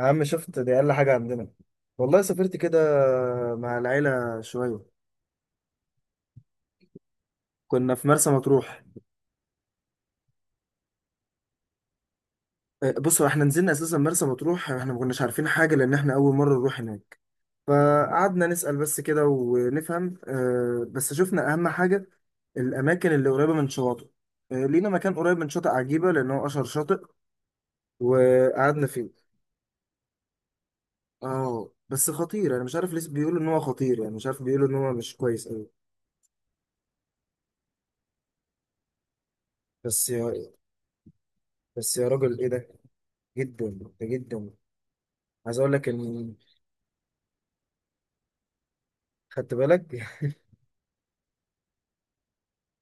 يا عم، شفت دي أقل حاجة عندنا. والله سافرت كده مع العيلة شوية. كنا في مرسى مطروح. بصوا، احنا نزلنا أساسا مرسى مطروح، احنا ما كناش عارفين حاجة لأن احنا أول مرة نروح هناك. فقعدنا نسأل بس كده ونفهم. بس شفنا أهم حاجة الأماكن اللي قريبة من شواطئ. لينا مكان قريب من شاطئ عجيبة لأن هو أشهر شاطئ وقعدنا فيه. اه، بس خطير. أنا مش عارف ليه بيقولوا إن هو خطير، يعني مش عارف، بيقولوا إن هو مش كويس أوي. بس يا بس يا راجل، إيه ده؟ جدا جدا. عايز اقول لك ان، خدت بالك؟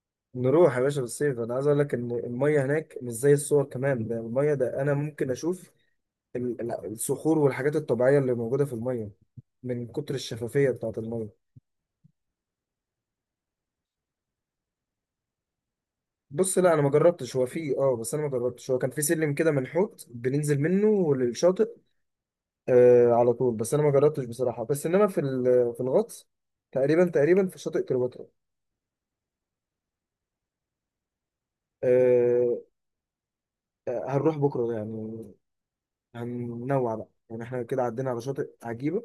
نروح يا باشا بالصيف. انا عايز اقول لك ان الميه هناك مش زي الصور، كمان ده الميه ده انا ممكن اشوف الصخور والحاجات الطبيعيه اللي موجوده في الميه، من كتر الشفافيه بتاعت الميه. بص، لا انا ما جربتش، هو في بس انا ما جربتش. هو كان في سلم كده منحوت بننزل منه للشاطئ على طول. بس انا ما جربتش بصراحه، بس انما في في الغطس تقريبا، تقريبا في شاطئ كليوباترا. آه. هنروح بكره يعني، هننوع بقى يعني. احنا كده عدينا على شاطئ عجيبة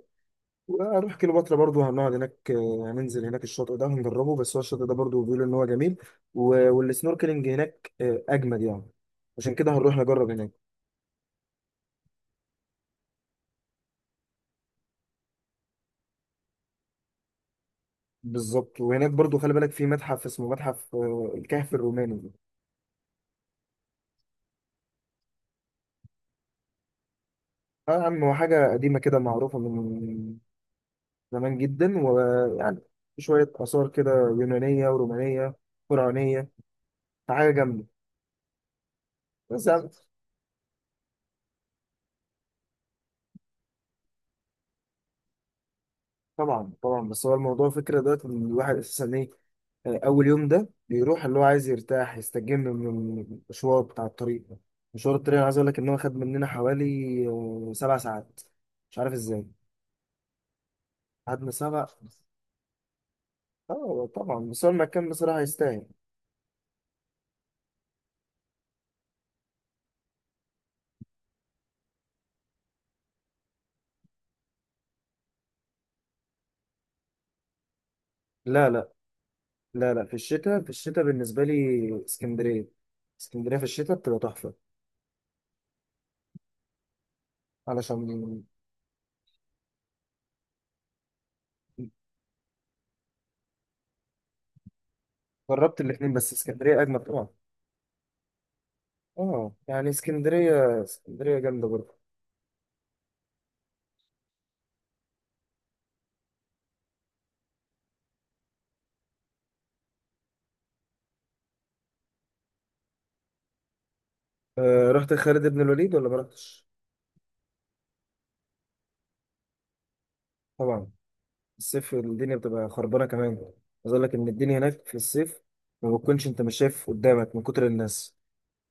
وهنروح كليوباترا برضو، هنقعد هناك. هننزل هناك، الشاطئ ده هنجربه، بس هو الشاطئ ده برضو بيقولوا ان هو جميل والسنوركلينج هناك اجمد يعني. عشان كده هنروح نجرب هناك. بالظبط. وهناك برضو خلي بالك، في متحف اسمه متحف الكهف الروماني. اه يا عم، هو حاجة قديمة كده معروفة من زمان جدا، ويعني شوية آثار كده يونانية ورومانية، فرعونية. حاجة جامدة. بس يا عم. طبعا طبعا، بس هو الموضوع فكرة دلوقتي ان الواحد اساسا ايه، اول يوم ده بيروح، اللي هو عايز يرتاح يستجم من المشوار بتاع الطريق ده. مشوار الطريق انا عايز اقول لك ان هو خد مننا حوالي، 7 ساعات. مش عارف ازاي قعدنا سبع. اه طبعا، بس هو المكان بصراحة يستاهل. لا لا، لا لا، في الشتاء بالنسبة لي اسكندرية، اسكندرية في الشتاء بتبقى تحفة. علشان جربت الاتنين، بس اسكندرية أجمل طبعا. اه، يعني اسكندرية، اسكندرية جامدة برضه. رحت خالد بن الوليد ولا ما رحتش؟ طبعا. الصيف الدنيا بتبقى خربانه كمان. عايز اقول لك ان الدنيا هناك في الصيف ما بتكونش، انت مش شايف قدامك من كتر الناس.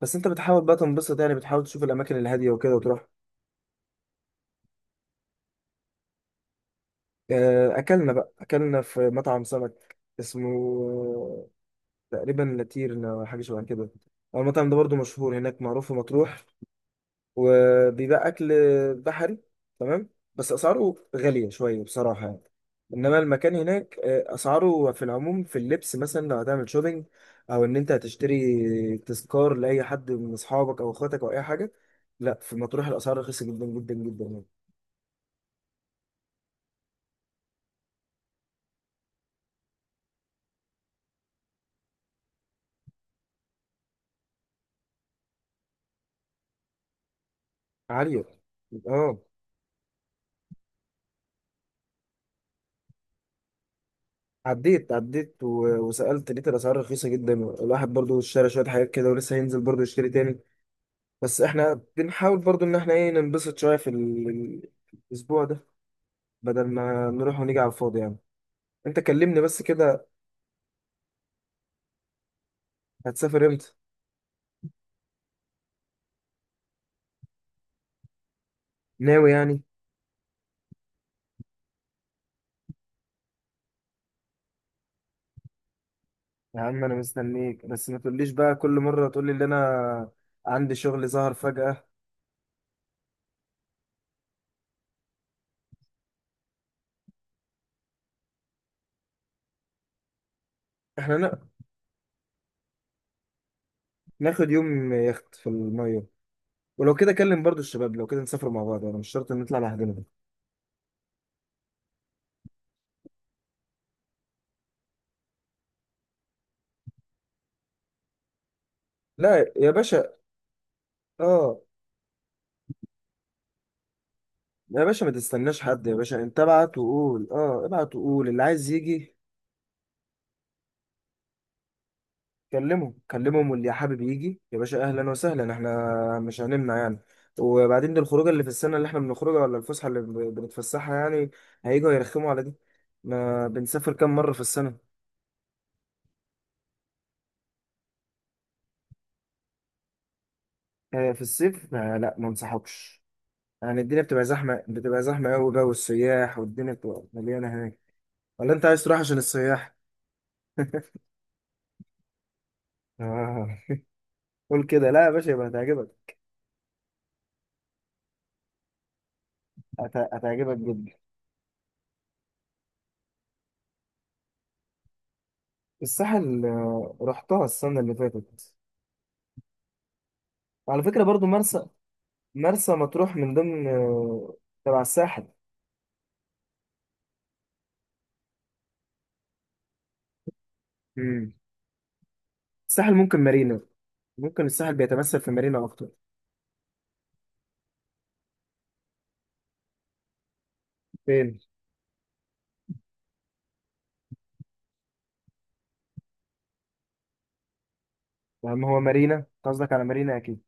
بس انت بتحاول بقى تنبسط يعني، بتحاول تشوف الاماكن الهاديه وكده وتروح. اكلنا في مطعم سمك اسمه تقريبا لاتيرنا، ولا حاجه شبه كده. هو المطعم ده برضو مشهور هناك، معروف في مطروح، وبيبقى اكل بحري تمام. بس اسعاره غاليه شويه بصراحه يعني. انما المكان هناك اسعاره في العموم، في اللبس مثلا لو هتعمل شوبينج او ان انت هتشتري تذكار لاي حد من اصحابك او اخواتك او اي حاجه، لا، في مطروح الاسعار رخيصه جدا جدا جدا يعني. عاليه. اه، عديت عديت وسألت، لقيت الأسعار رخيصة جدا، الواحد برضو اشترى شوية حاجات كده ولسه هينزل برضو يشتري تاني. بس احنا بنحاول برضو إن احنا ايه، ننبسط شوية في الأسبوع ده، بدل ما نروح ونيجي على الفاضي يعني. انت كلمني بس كده، هتسافر امتى؟ ناوي يعني. يا عم انا مستنيك، بس ما تقوليش بقى كل مره تقولي ان انا عندي شغل ظهر فجاه. احنا ناخد يوم يخت في الميه، ولو كده كلم برضو الشباب، لو كده نسافر مع بعض، انا مش شرط ان نطلع لوحدنا. لا يا باشا. اه. يا باشا ما تستناش حد، يا باشا انت ابعت وقول، ابعت وقول اللي عايز يجي. كلمهم كلمهم، واللي يا حابب يجي، يا باشا اهلا وسهلا، احنا مش هنمنع يعني. وبعدين دي الخروجه اللي في السنه اللي احنا بنخرجها، ولا الفسحه اللي بنتفسحها يعني؟ هيجوا يرخموا على دي؟ ما بنسافر كام مره في السنه. في الصيف، ما، لا ما انصحكش يعني. الدنيا بتبقى زحمه، بتبقى زحمه قوي بقى، والسياح والدنيا بتبقى مليانه هناك. ولا انت عايز تروح عشان السياح؟ آه. قول كده، لا يا باشا، يبقى هتعجبك. هتعجبك جدا. الساحل رحتها السنه اللي فاتت، وعلى فكره برضو مرسى، مرسى مطروح من ضمن تبع الساحل. مم. الساحل ممكن مارينا، ممكن الساحل بيتمثل في مارينا اكتر. فين؟ يا عم، هو مارينا أنت قصدك، على مارينا اكيد.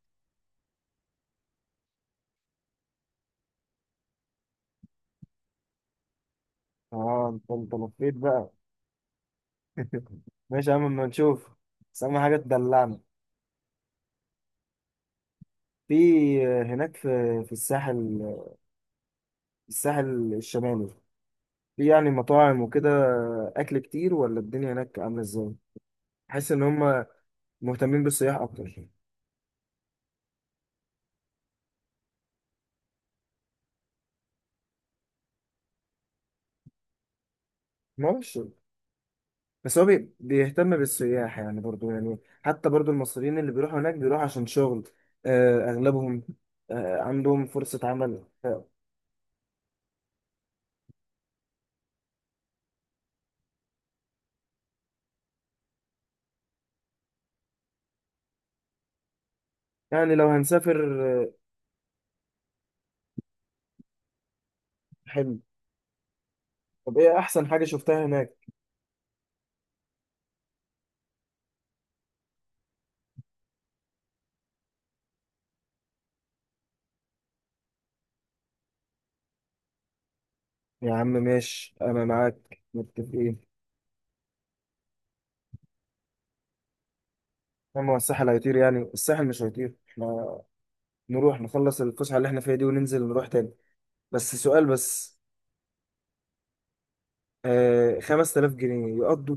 اه انت لفيت بقى. ماشي يا عم، اما نشوف، بس اهم حاجه تدلعنا. في، هناك في الساحل، الساحل الشمالي، في يعني مطاعم وكده اكل كتير، ولا الدنيا هناك عامله ازاي؟ بحس ان هم مهتمين بالسياح اكتر. معرفش، بس هو بيهتم بالسياح يعني برضو يعني. حتى برضو المصريين اللي بيروحوا هناك بيروحوا عشان شغل، أغلبهم، عندهم فرصة عمل. يعني لو هنسافر. حلو. طب إيه أحسن حاجة شفتها هناك؟ يا عم ماشي، أنا معاك، متفقين. أما هو الساحل هيطير، يعني الساحل مش هيطير، إحنا نروح نخلص الفسحة اللي إحنا فيها دي وننزل نروح تاني. بس سؤال بس، 5000 جنيه يقضوا؟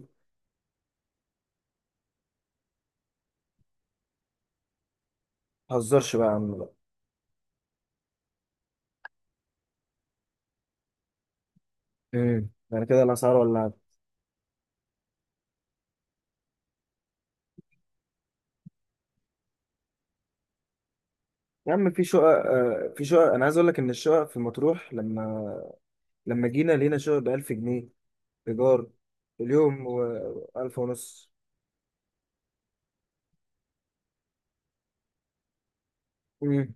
متهزرش بقى يا عم بقى. مم. يعني كده الأسعار، ولا؟ يا عم في شقق انا عايز اقول لك ان الشقق في مطروح، لما جينا لقينا شقق ب 1000 جنيه، ايجار اليوم، و1000 ونص. مم.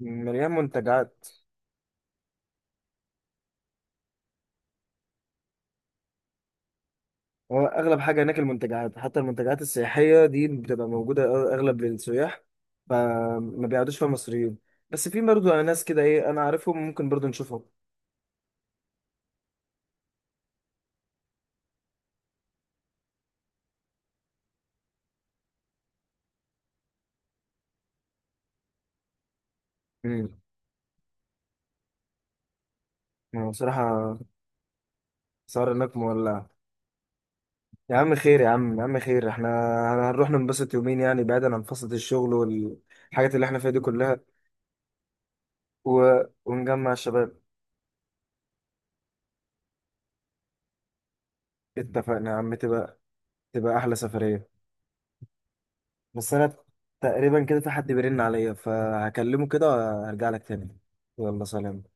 مليان منتجعات. هو اغلب حاجه هناك المنتجعات، حتى المنتجعات السياحيه دي بتبقى موجوده اغلب للسياح، فما بيقعدوش فيها مصريين. بس في برضه ناس كده ايه انا عارفهم، ممكن برضه نشوفهم. مم. يعني بصراحه، صار هناك مولع. يا عم خير، يا عم، يا عم خير، احنا هنروح ننبسط يومين يعني، بعيدا عن فصلة الشغل والحاجات اللي احنا فيها دي كلها. و... ونجمع الشباب. اتفقنا يا عم، تبقى، تبقى احلى سفرية. بس انا تقريبا كده في حد بيرن عليا فهكلمه كده وهرجع لك تاني. يلا سلام.